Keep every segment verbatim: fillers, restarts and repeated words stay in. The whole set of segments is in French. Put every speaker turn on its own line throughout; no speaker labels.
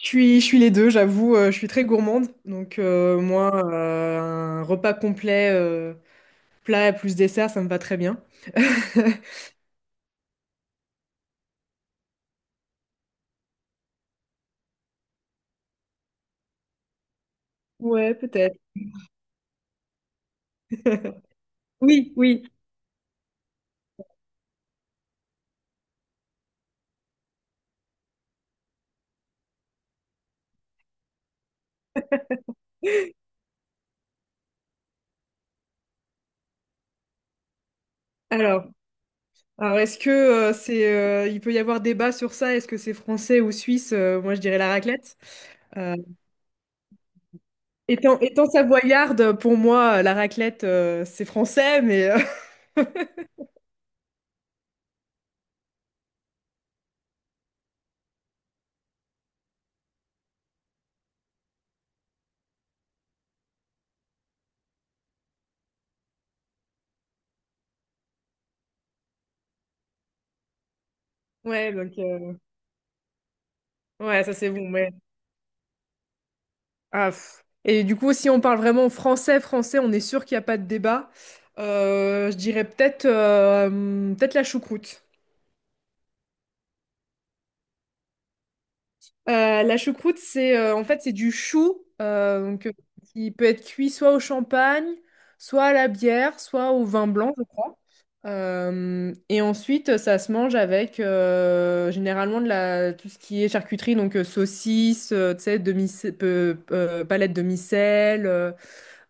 Je suis, je suis les deux, j'avoue, euh, je suis très gourmande. Donc euh, moi, euh, un repas complet, euh, plat plus dessert, ça me va très bien. Ouais, peut-être. Oui, oui. Alors, alors est-ce que euh, c'est, euh, il peut y avoir débat sur ça? Est-ce que c'est français ou suisse? Euh, moi, je dirais la raclette. Euh, étant, étant savoyarde, pour moi, la raclette, euh, c'est français, mais euh, ouais, donc euh, ouais, ça c'est bon. Ouais. Ah, pff. Et du coup, si on parle vraiment français, français, on est sûr qu'il n'y a pas de débat. Euh, je dirais peut-être euh, peut-être la choucroute. Euh, la choucroute, c'est euh, en fait c'est du chou euh, donc, euh, qui peut être cuit soit au champagne, soit à la bière, soit au vin blanc, je crois. Euh, et ensuite, ça se mange avec euh, généralement de la tout ce qui est charcuterie, donc euh, saucisses, euh, tu sais, demi euh, euh, palettes de demi.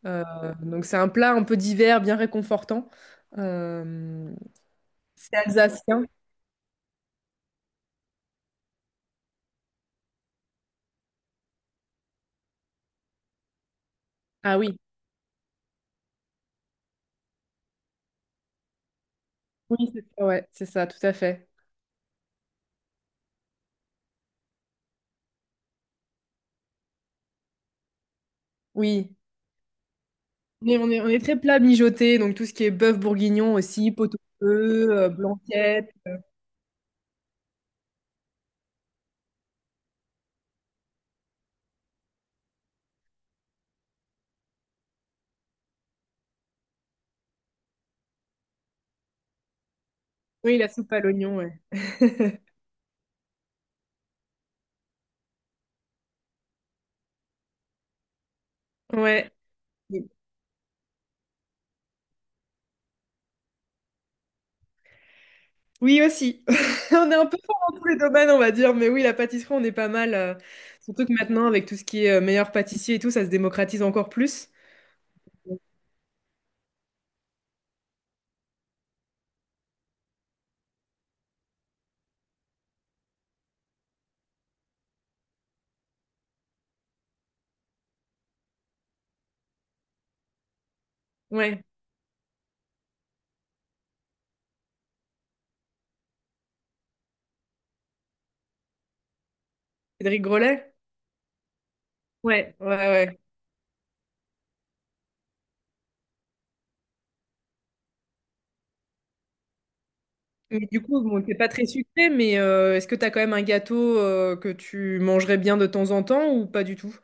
Euh, donc c'est un plat un peu divers, bien réconfortant. Euh, c'est alsacien. Ah oui, oui, c'est ça, ouais, c'est ça, tout à fait. Oui. Mais on est, on est très plat mijoté, donc tout ce qui est bœuf bourguignon aussi, pot au feu, euh, blanquette. Oui, la soupe à l'oignon, ouais. Ouais. Oui aussi. On est un peu fort dans tous les domaines, on va dire, mais oui, la pâtisserie, on est pas mal. Euh, surtout que maintenant, avec tout ce qui est euh, meilleur pâtissier et tout, ça se démocratise encore plus. Ouais. Cédric Grolet? Ouais, ouais, ouais. Mais du coup, bon, t'es pas très sucré, mais euh, est-ce que t'as quand même un gâteau euh, que tu mangerais bien de temps en temps ou pas du tout?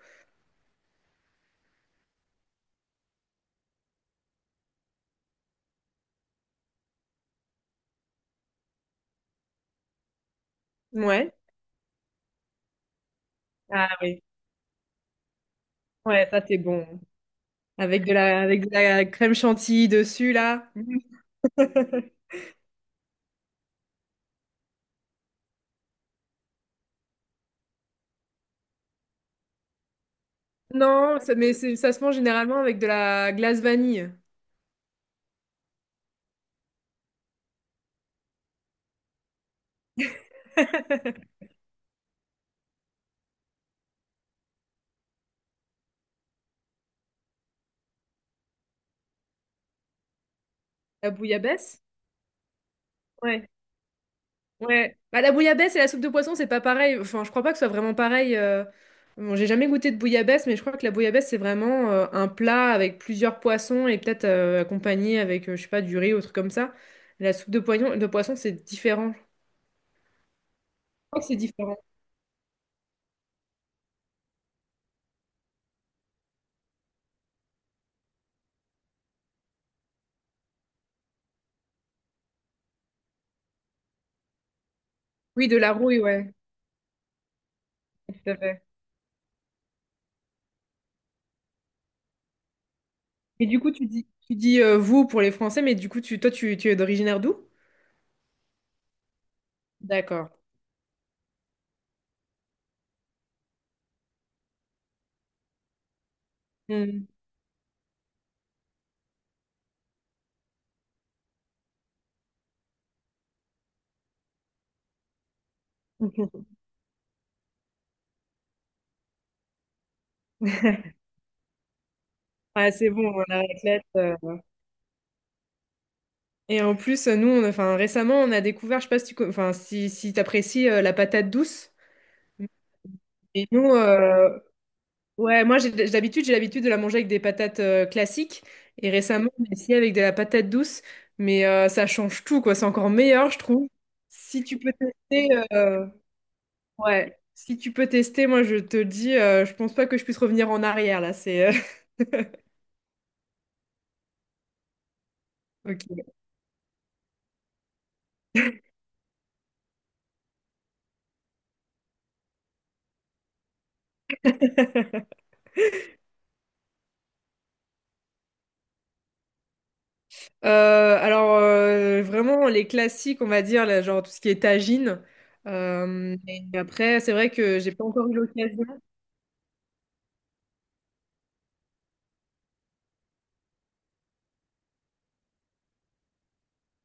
Ouais. Ah oui. Ouais, ça c'est bon. Avec de la, avec de la crème chantilly dessus, là. Non, ça- mais c'est- ça se mange généralement avec de la glace vanille. La bouillabaisse? Ouais. Ouais. Bah, la bouillabaisse et la soupe de poisson, c'est pas pareil. Enfin, je crois pas que ce soit vraiment pareil. euh, Bon, j'ai jamais goûté de bouillabaisse, mais je crois que la bouillabaisse, c'est vraiment euh, un plat avec plusieurs poissons et peut-être euh, accompagné avec, euh, je sais pas, du riz ou truc comme ça. La soupe de poisson, de poisson, c'est différent. Je crois que c'est différent. Oui, de la rouille, ouais. Tout à fait. Et du coup, tu dis, tu dis euh, vous pour les Français, mais du coup, tu, toi, tu, tu es d'originaire d'où? D'accord. Hmm. Ah, c'est bon, la raclette. euh, Et en plus, euh, nous, on a- enfin, récemment, on a découvert, je sais pas si tu, co- enfin, si, si t'apprécies euh, la patate douce. Et nous, euh, ouais, moi, j'ai d'habitude, j'ai l'habitude de la manger avec des patates euh, classiques. Et récemment, on a essayé avec de la patate douce. Mais euh, ça change tout, quoi. C'est encore meilleur, je trouve. Si tu peux tester, euh, ouais. Si tu peux tester, moi, je te dis, euh, je pense pas que je puisse revenir en arrière, là. C'est, euh, ok. Euh, alors euh, vraiment les classiques on va dire là, genre tout ce qui est tagine. Euh, et après c'est vrai que j'ai pas encore eu l'occasion.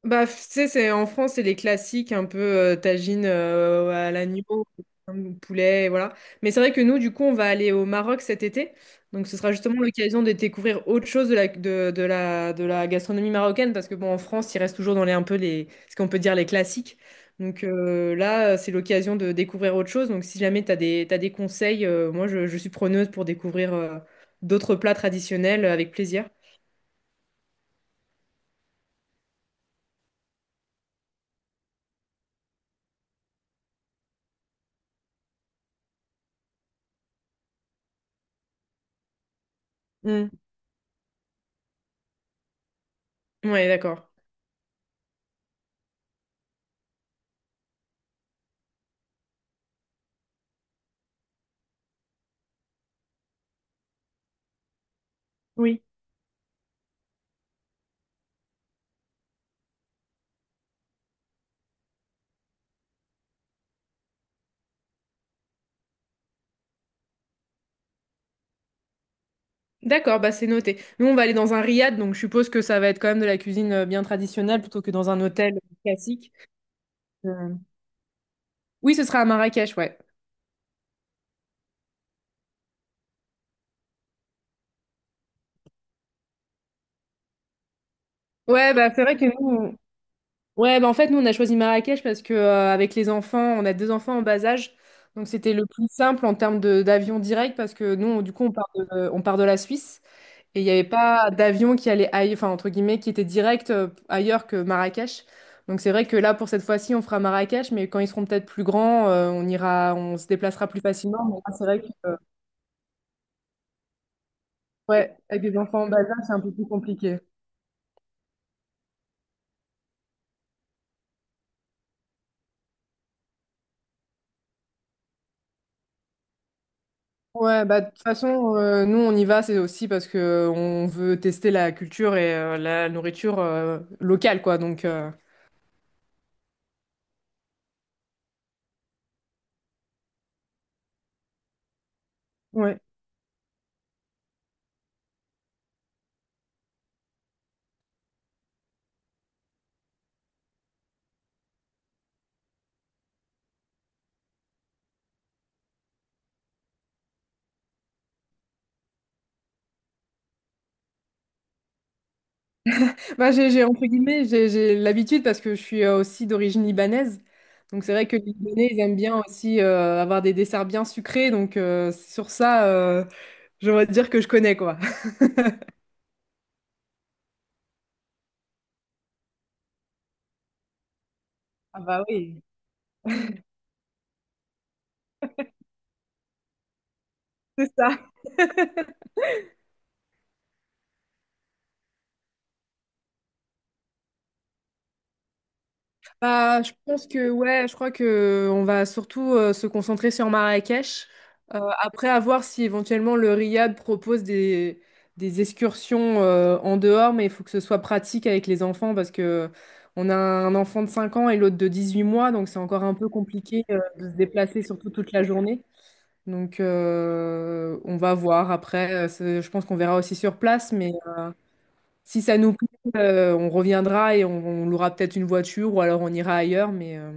Bah, tu sais, c'est, en France, c'est les classiques, un peu euh, tagine euh, à l'agneau, hum, poulet, et voilà. Mais c'est vrai que nous, du coup, on va aller au Maroc cet été. Donc, ce sera justement l'occasion de découvrir autre chose de la, de, de la, de la gastronomie marocaine, parce que, bon, en France, il reste toujours dans les, un peu les, ce qu'on peut dire les classiques. Donc, euh, là, c'est l'occasion de découvrir autre chose. Donc, si jamais tu as des, t'as des conseils, euh, moi, je, je suis preneuse pour découvrir euh, d'autres plats traditionnels euh, avec plaisir. Mm. Ouais, d'accord. Oui. D'accord, bah c'est noté. Nous, on va aller dans un riad, donc je suppose que ça va être quand même de la cuisine euh, bien traditionnelle plutôt que dans un hôtel classique. Euh, Oui, ce sera à Marrakech, ouais. Ouais, bah c'est vrai que nous, on- ouais, bah en fait, nous, on a choisi Marrakech parce que euh, avec les enfants, on a deux enfants en bas âge, donc c'était le plus simple en termes de d'avion direct parce que nous, on- du coup, on part de, on part de la Suisse. Et il n'y avait pas d'avion qui allait aille- enfin, entre guillemets, qui était direct euh, ailleurs que Marrakech. Donc c'est vrai que là, pour cette fois-ci, on fera Marrakech, mais quand ils seront peut-être plus grands, euh, on ira, on se déplacera plus facilement. Mais là, c'est vrai que, euh, ouais, avec des enfants en bas âge, c'est un peu plus compliqué. Ouais, bah, de toute façon, euh, nous, on y va, c'est aussi parce que euh, on veut tester la culture et euh, la nourriture euh, locale, quoi. Donc, euh, ouais. Bah, j'ai, j'ai, entre guillemets, j'ai, j'ai l'habitude parce que je suis euh, aussi d'origine libanaise. Donc c'est vrai que les Libanais, ils aiment bien aussi euh, avoir des desserts bien sucrés. Donc euh, sur ça, euh, j'aimerais dire que je connais quoi. Ah bah oui. C'est ça. Bah, je pense que ouais, je crois que on va surtout euh, se concentrer sur Marrakech. Euh, après, à voir si éventuellement le Riad propose des, des excursions euh, en dehors, mais il faut que ce soit pratique avec les enfants parce que on a un enfant de cinq ans et l'autre de dix-huit mois, donc c'est encore un peu compliqué euh, de se déplacer surtout toute la journée. Donc euh, on va voir. Après, euh, c'est- je pense qu'on verra aussi sur place, mais si ça nous plaît, euh, on reviendra et on, on louera peut-être une voiture ou alors on ira ailleurs, mais euh,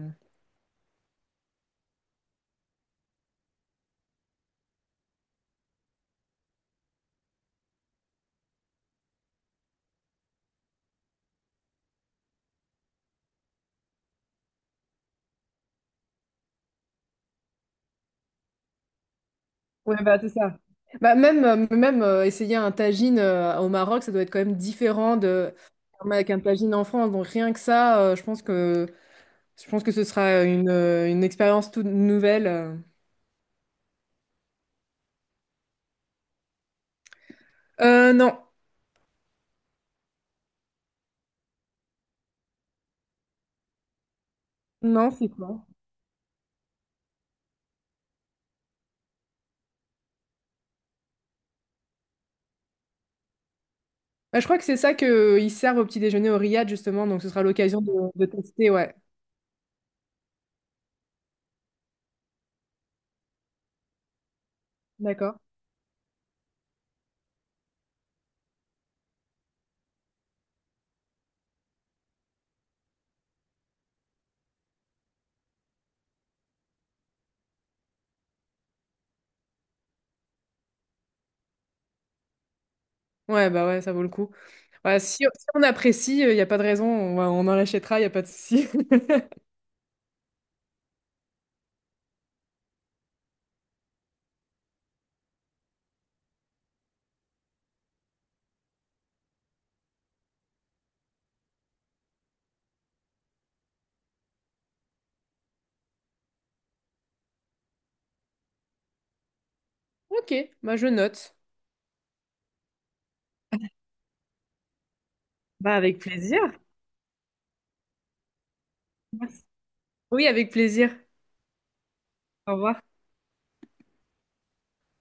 ouais, bah, c'est ça. Bah, même euh, même euh, essayer un tagine euh, au Maroc, ça doit être quand même différent de avec un tagine en France. Donc rien que ça, euh, je pense que je pense que ce sera une, euh, une expérience toute nouvelle. euh. Euh, non, non, c'est quoi? Bah, je crois que c'est ça que euh, ils servent au petit déjeuner au Riad justement. Donc ce sera l'occasion de, de tester. Ouais, d'accord. Ouais, bah ouais, ça vaut le coup. Ouais, si, si on apprécie, il n'y a pas de raison, on, va- on en achètera, il n'y a pas de souci. Ok, bah je note. Bah avec plaisir. Merci. Oui, avec plaisir. Au revoir.